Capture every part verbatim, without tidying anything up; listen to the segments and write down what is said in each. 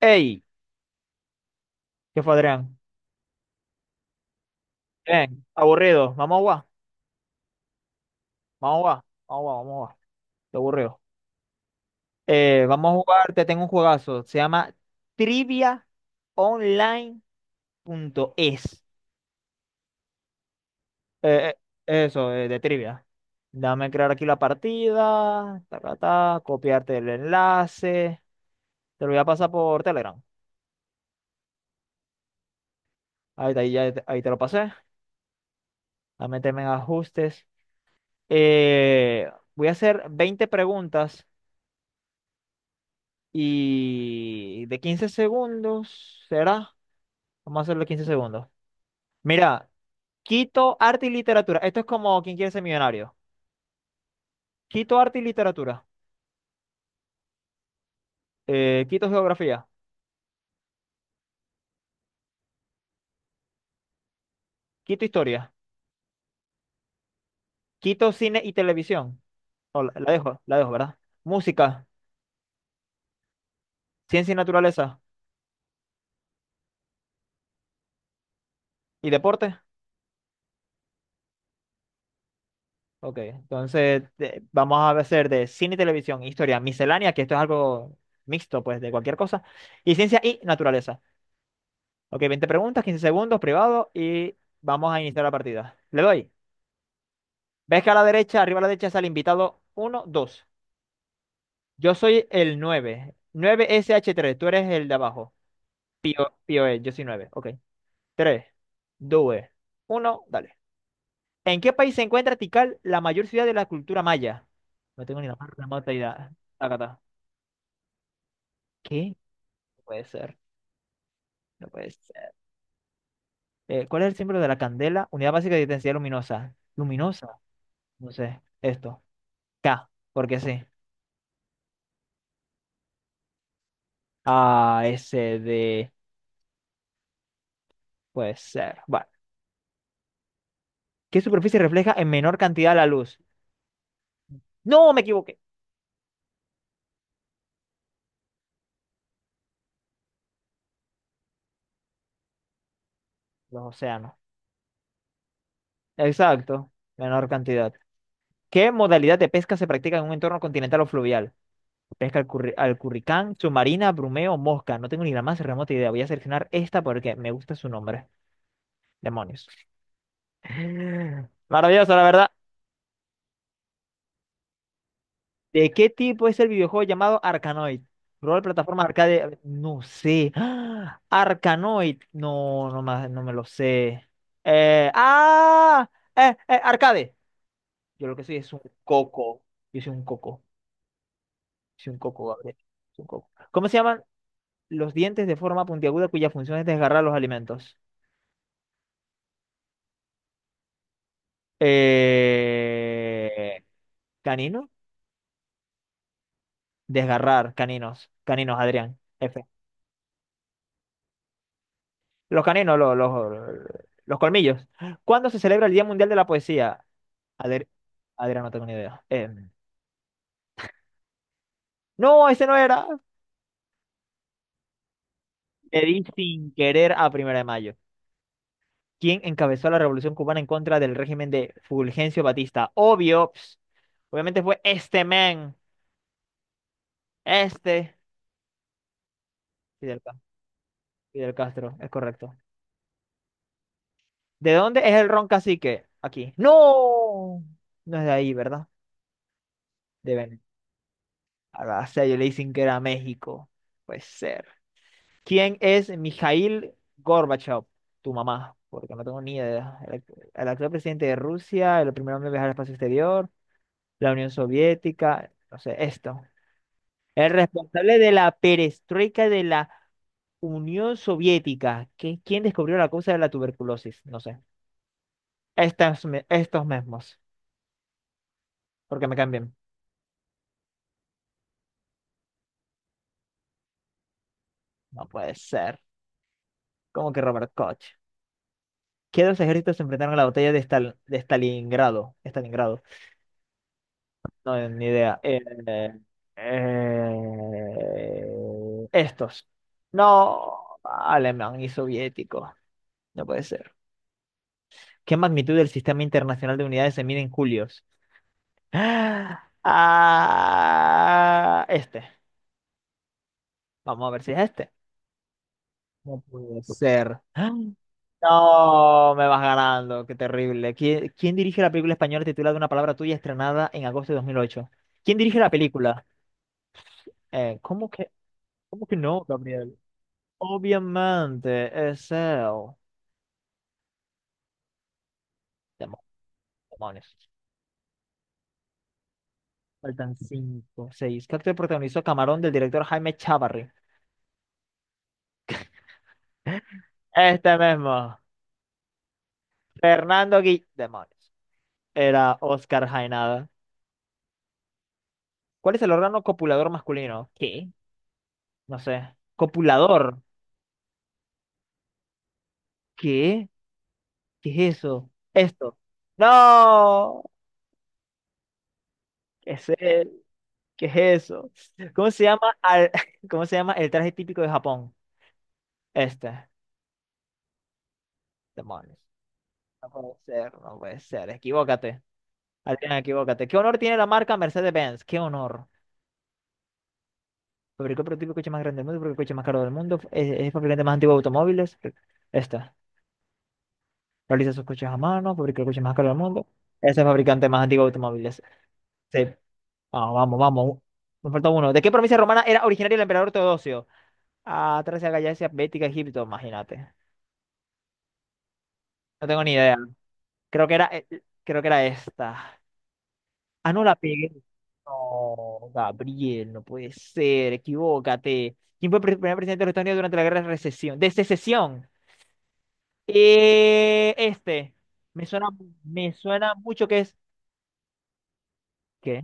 Ey, ¿qué fue, Adrián? Bien, aburrido. Vamos a jugar, vamos a jugar, vamos a jugar, vamos a jugar. Estoy aburrido. Eh, vamos a jugar, te tengo un juegazo. Se llama triviaonline.es. Eh, eh, eso, eh, de trivia. Dame crear aquí la partida, ta, ta, ta, copiarte el enlace. Te lo voy a pasar por Telegram. Ahí, te- ahí, ya te- ahí te lo pasé. Dame meterme en ajustes. Eh, voy a hacer veinte preguntas y de quince segundos, ¿será? Vamos a hacerlo quince segundos. Mira, Quito, arte y literatura. Esto es como quien quiere ser millonario. Quito, arte y literatura. Eh, Quito, geografía. Quito, historia. Quito, cine y televisión. No, la, la dejo, la dejo, ¿verdad? Música, ciencia y naturaleza y deporte. Ok, entonces de- vamos a hacer de cine y televisión, e historia, miscelánea, que esto es algo mixto, pues, de cualquier cosa, y ciencia y naturaleza. Ok, veinte preguntas, quince segundos, privado, y vamos a iniciar la partida. Le doy. ¿Ves que a la derecha, arriba a la derecha sale invitado uno, dos? Yo soy el nueve, 9 sh tres. Tú eres el de abajo. Pío, Pío es, yo soy nueve. Ok. Tres, dos, uno, dale. ¿En qué país se encuentra Tikal, la mayor ciudad de la cultura maya? No tengo ni la más remota idea. Acá está. ¿Qué? No puede ser. No puede ser. Eh, ¿cuál es el símbolo de la candela? Unidad básica de intensidad luminosa. Luminosa. No sé. Esto. K, porque sí. A, S, D, puede ser. Vale. ¿Qué superficie refleja en menor cantidad la luz? No, me equivoqué. Los océanos. Exacto. Menor cantidad. ¿Qué modalidad de pesca se practica en un entorno continental o fluvial? Pesca al, curri- al curricán, submarina, brumeo, mosca. No tengo ni la más remota idea. Voy a seleccionar esta porque me gusta su nombre. Demonios. Maravilloso, la verdad. ¿De qué tipo es el videojuego llamado Arkanoid? Rol, plataforma, arcade. No sé. ¡Ah! Arkanoid. No, no, ma- no me lo sé. Eh, ¡Ah! Eh, eh, arcade. Yo lo que soy es un coco. Yo soy un coco. Soy un coco, Gabriel. Soy un coco. ¿Cómo se llaman los dientes de forma puntiaguda cuya función es desgarrar los alimentos? Eh, ¿Canino? Desgarrar, caninos. Caninos, Adrián. F. Los caninos, los, los, los colmillos. ¿Cuándo se celebra el Día Mundial de la Poesía? Adrián, Adrián, no tengo ni idea. Em, no, ese no era. Le di sin querer a Primera de Mayo. ¿Quién encabezó la revolución cubana en contra del régimen de Fulgencio Batista? Obvio. Ps, obviamente fue este man. Este. Fidel, Ca- Fidel Castro, es correcto. ¿De dónde es el ron cacique? Aquí. ¡No! No es de ahí, ¿verdad? De Venezuela. Ah, o sea, yo le di sin querer a México. Puede ser. ¿Quién es Mikhail Gorbachev? Tu mamá, porque no tengo ni idea. El, el actual presidente de Rusia, el primer hombre en viajar al espacio exterior, la Unión Soviética, no sé, esto. El responsable de la perestroika de la Unión Soviética. ¿Qui- ¿Quién descubrió la causa de la tuberculosis? No sé. Estas me- estos mismos, porque me cambian. No puede ser. ¿Cómo que Robert Koch? ¿Qué dos ejércitos se enfrentaron a la batalla de, Stal- de Stalingrado? Stalingrado. No, eh, ni idea. Eh, eh, eh, Estos. No, alemán y soviético. No puede ser. ¿Qué magnitud del Sistema Internacional de Unidades se mide en julios? Ah, ah, este. Vamos a ver si es este. No puede ser. Ah, no, me vas ganando. Qué terrible. ¿Qui- ¿Quién dirige la película española titulada Una palabra tuya, estrenada en agosto de dos mil ocho? ¿Quién dirige la película? Eh, ¿cómo que, cómo que no, Gabriel? Obviamente, es él. Demo- Demonios. Faltan cinco, seis. ¿Qué actor protagonizó Camarón del director Jaime Chavarri? Este mismo. Fernando Gui... Demonios. Era Oscar Jaenada. ¿Cuál es el órgano copulador masculino? ¿Qué? No sé. ¿Copulador? ¿Qué? ¿Qué es eso? Esto. ¡No! ¿Qué es él? ¿Qué es eso? ¿Cómo se llama al... ¿cómo se llama el traje típico de Japón? Este. Demonios. No puede ser, no puede ser. Equivócate. Adrián, equivócate. ¿Qué honor tiene la marca Mercedes-Benz? ¿Qué honor? Fabricó el prototipo de coche más grande del mundo, fabricó el coche más caro del mundo, es, es el fabricante más antiguo de automóviles. Esta. Realiza sus coches a mano, fabricó el coche más caro del mundo. Ese es el fabricante más antiguo de automóviles. Sí. Ah, vamos, vamos. Nos falta uno. ¿De qué provincia romana era originario el emperador Teodosio? Ah, Tracia, Gallacia, Bética, Egipto, imagínate. No tengo ni idea. Creo que era, eh, creo que era esta. Ah, no la pegué. No, Gabriel, no puede ser, equivócate. ¿Quién fue el pre- primer presidente de los Estados Unidos durante la guerra de recesión? De secesión. Eh, este. Me suena, me suena mucho que es. ¿Qué?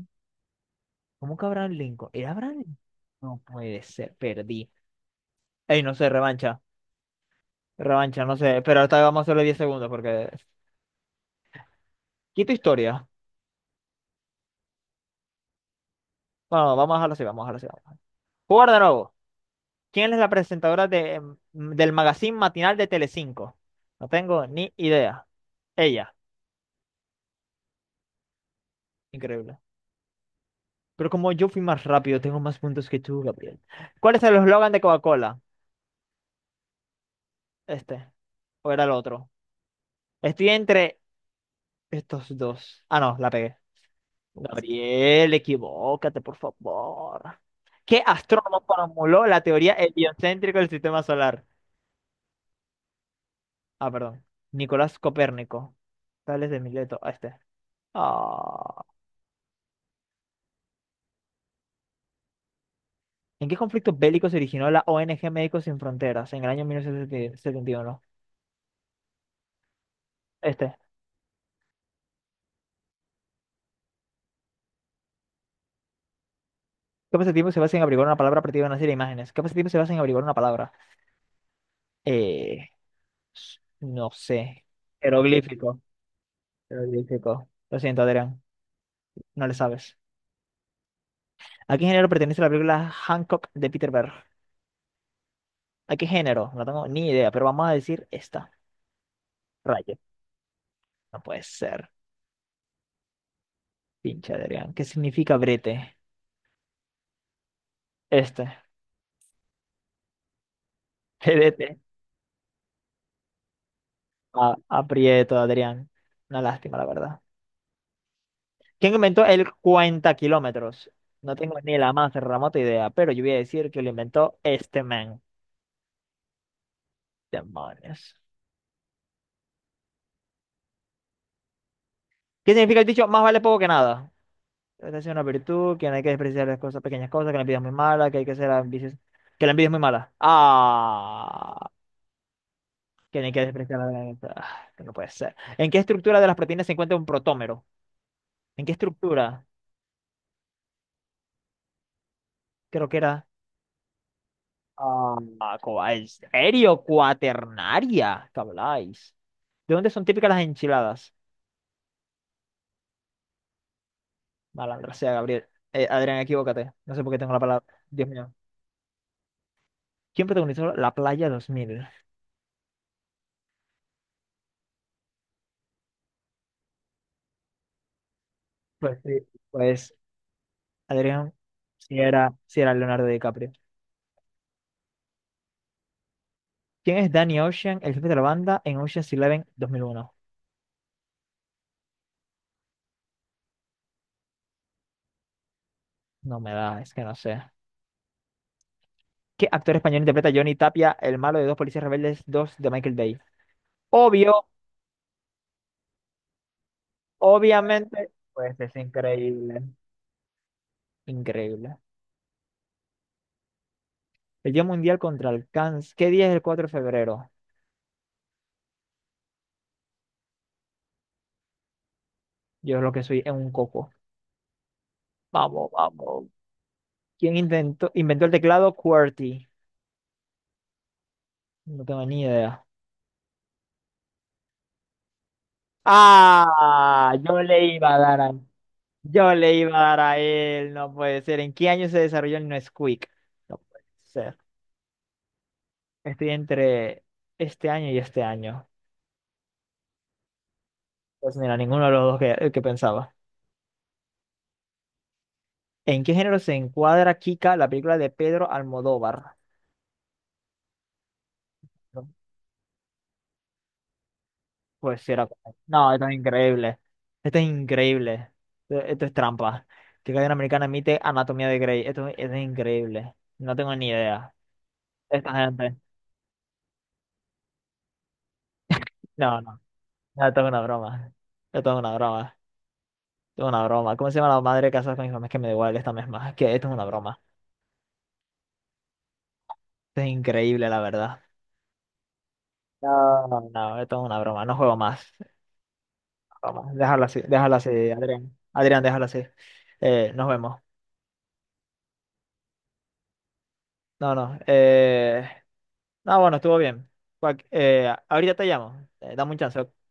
¿Cómo que Abraham Lincoln? ¿Era Abraham Lincoln? No puede ser, perdí. Ey, no sé, revancha. Revancha, no sé. Pero ahorita vamos a hacerle diez segundos porque. Quito historia. Bueno, vamos a dejarlo así, vamos a dejarlo así. Vamos a dejarlo. Jugar de nuevo. ¿Quién es la presentadora de, em, del magazine matinal de Telecinco? No tengo ni idea. Ella, increíble. Pero como yo fui más rápido, tengo más puntos que tú, Gabriel. ¿Cuál es el eslogan de Coca-Cola? Este. ¿O era el otro? Estoy entre estos dos. Ah, no, la pegué. Gabriel, equivócate, por favor. ¿Qué astrónomo formuló la teoría heliocéntrica del sistema solar? Ah, perdón. Nicolás Copérnico. Tales de Mileto. Ah, este. Ah. ¿En qué conflicto bélico se originó la O N G Médicos Sin Fronteras en el año mil novecientos setenta y uno? Este. ¿Qué pasatiempo se basa en averiguar una palabra a partir de una serie de imágenes? ¿Qué pasatiempo se basa en averiguar una palabra? Eh, s- no sé. Jeroglífico. Jeroglífico. Lo siento, Adrián. No le sabes. ¿A qué género pertenece la película Hancock de Peter Berg? ¿A qué género? No tengo ni idea, pero vamos a decir esta. Rayo. No puede ser. Pinche Adrián. ¿Qué significa brete? Este. Brete. A- aprieto, Adrián. Una lástima, la verdad. ¿Quién inventó el cuenta kilómetros? No tengo ni la más remota idea, pero yo voy a decir que lo inventó este man. Demonios. ¿Qué significa el dicho? Más vale poco que nada. Esta es una virtud, que no hay que despreciar las cosas, pequeñas cosas, que la envidia es muy mala, que hay que ser ambicioso, que la envidia es muy mala. Ah, que no hay que despreciar la... ah, que no puede ser. ¿En qué estructura de las proteínas se encuentra un protómero? ¿En qué estructura? Creo que era... ah, co- ¿en serio? Cuaternaria. ¿Qué habláis? ¿De dónde son típicas las enchiladas? Malandra sea, Gabriel. Eh, Adrián, equivócate. No sé por qué tengo la palabra. Dios mío. ¿Quién protagonizó La Playa dos mil? Pues, sí, pues Adrián, si era, si era Leonardo DiCaprio. ¿Quién es Danny Ocean, el jefe de la banda en Ocean's Eleven dos mil uno? No me da, es que no sé. ¿Qué actor español interpreta a Johnny Tapia, el malo de Dos Policías Rebeldes dos de Michael Bay? Obvio, obviamente, pues es increíble. Increíble. El Día Mundial contra el Cáncer. ¿Qué día es el cuatro de febrero? Yo es lo que soy en un coco. Vamos, vamos, ¿quién inventó, inventó el teclado QWERTY? No tengo ni idea. Ah, yo le iba a dar a, yo le iba a dar a él, no puede ser. ¿En qué año se desarrolló el Nesquik? No puede ser. Estoy entre este año y este año. Pues mira, ninguno de los dos que, que pensaba. ¿En qué género se encuadra Kika, la película de Pedro Almodóvar? Pues sí, era como, no, esto es increíble. Esto es increíble. Esto, esto es trampa. Que Cadena Americana emite Anatomía de Grey. Esto, esto es increíble. No tengo ni idea. Esta gente. No, no. No, esto es una broma. Esto es una broma. Esto es una broma. ¿Cómo se llama la madre casada con mi mamá? Es que me da igual esta misma. Es que esto es una broma. Esto es increíble, la verdad. No, no, no, esto es una broma. No juego más. Broma, déjalo así, déjalo así, Adrián. Adrián, déjalo así. Eh, nos vemos. No, no. Eh... No, bueno, estuvo bien. Cuac- eh, ahorita te llamo. Eh, dame un chance. Ok.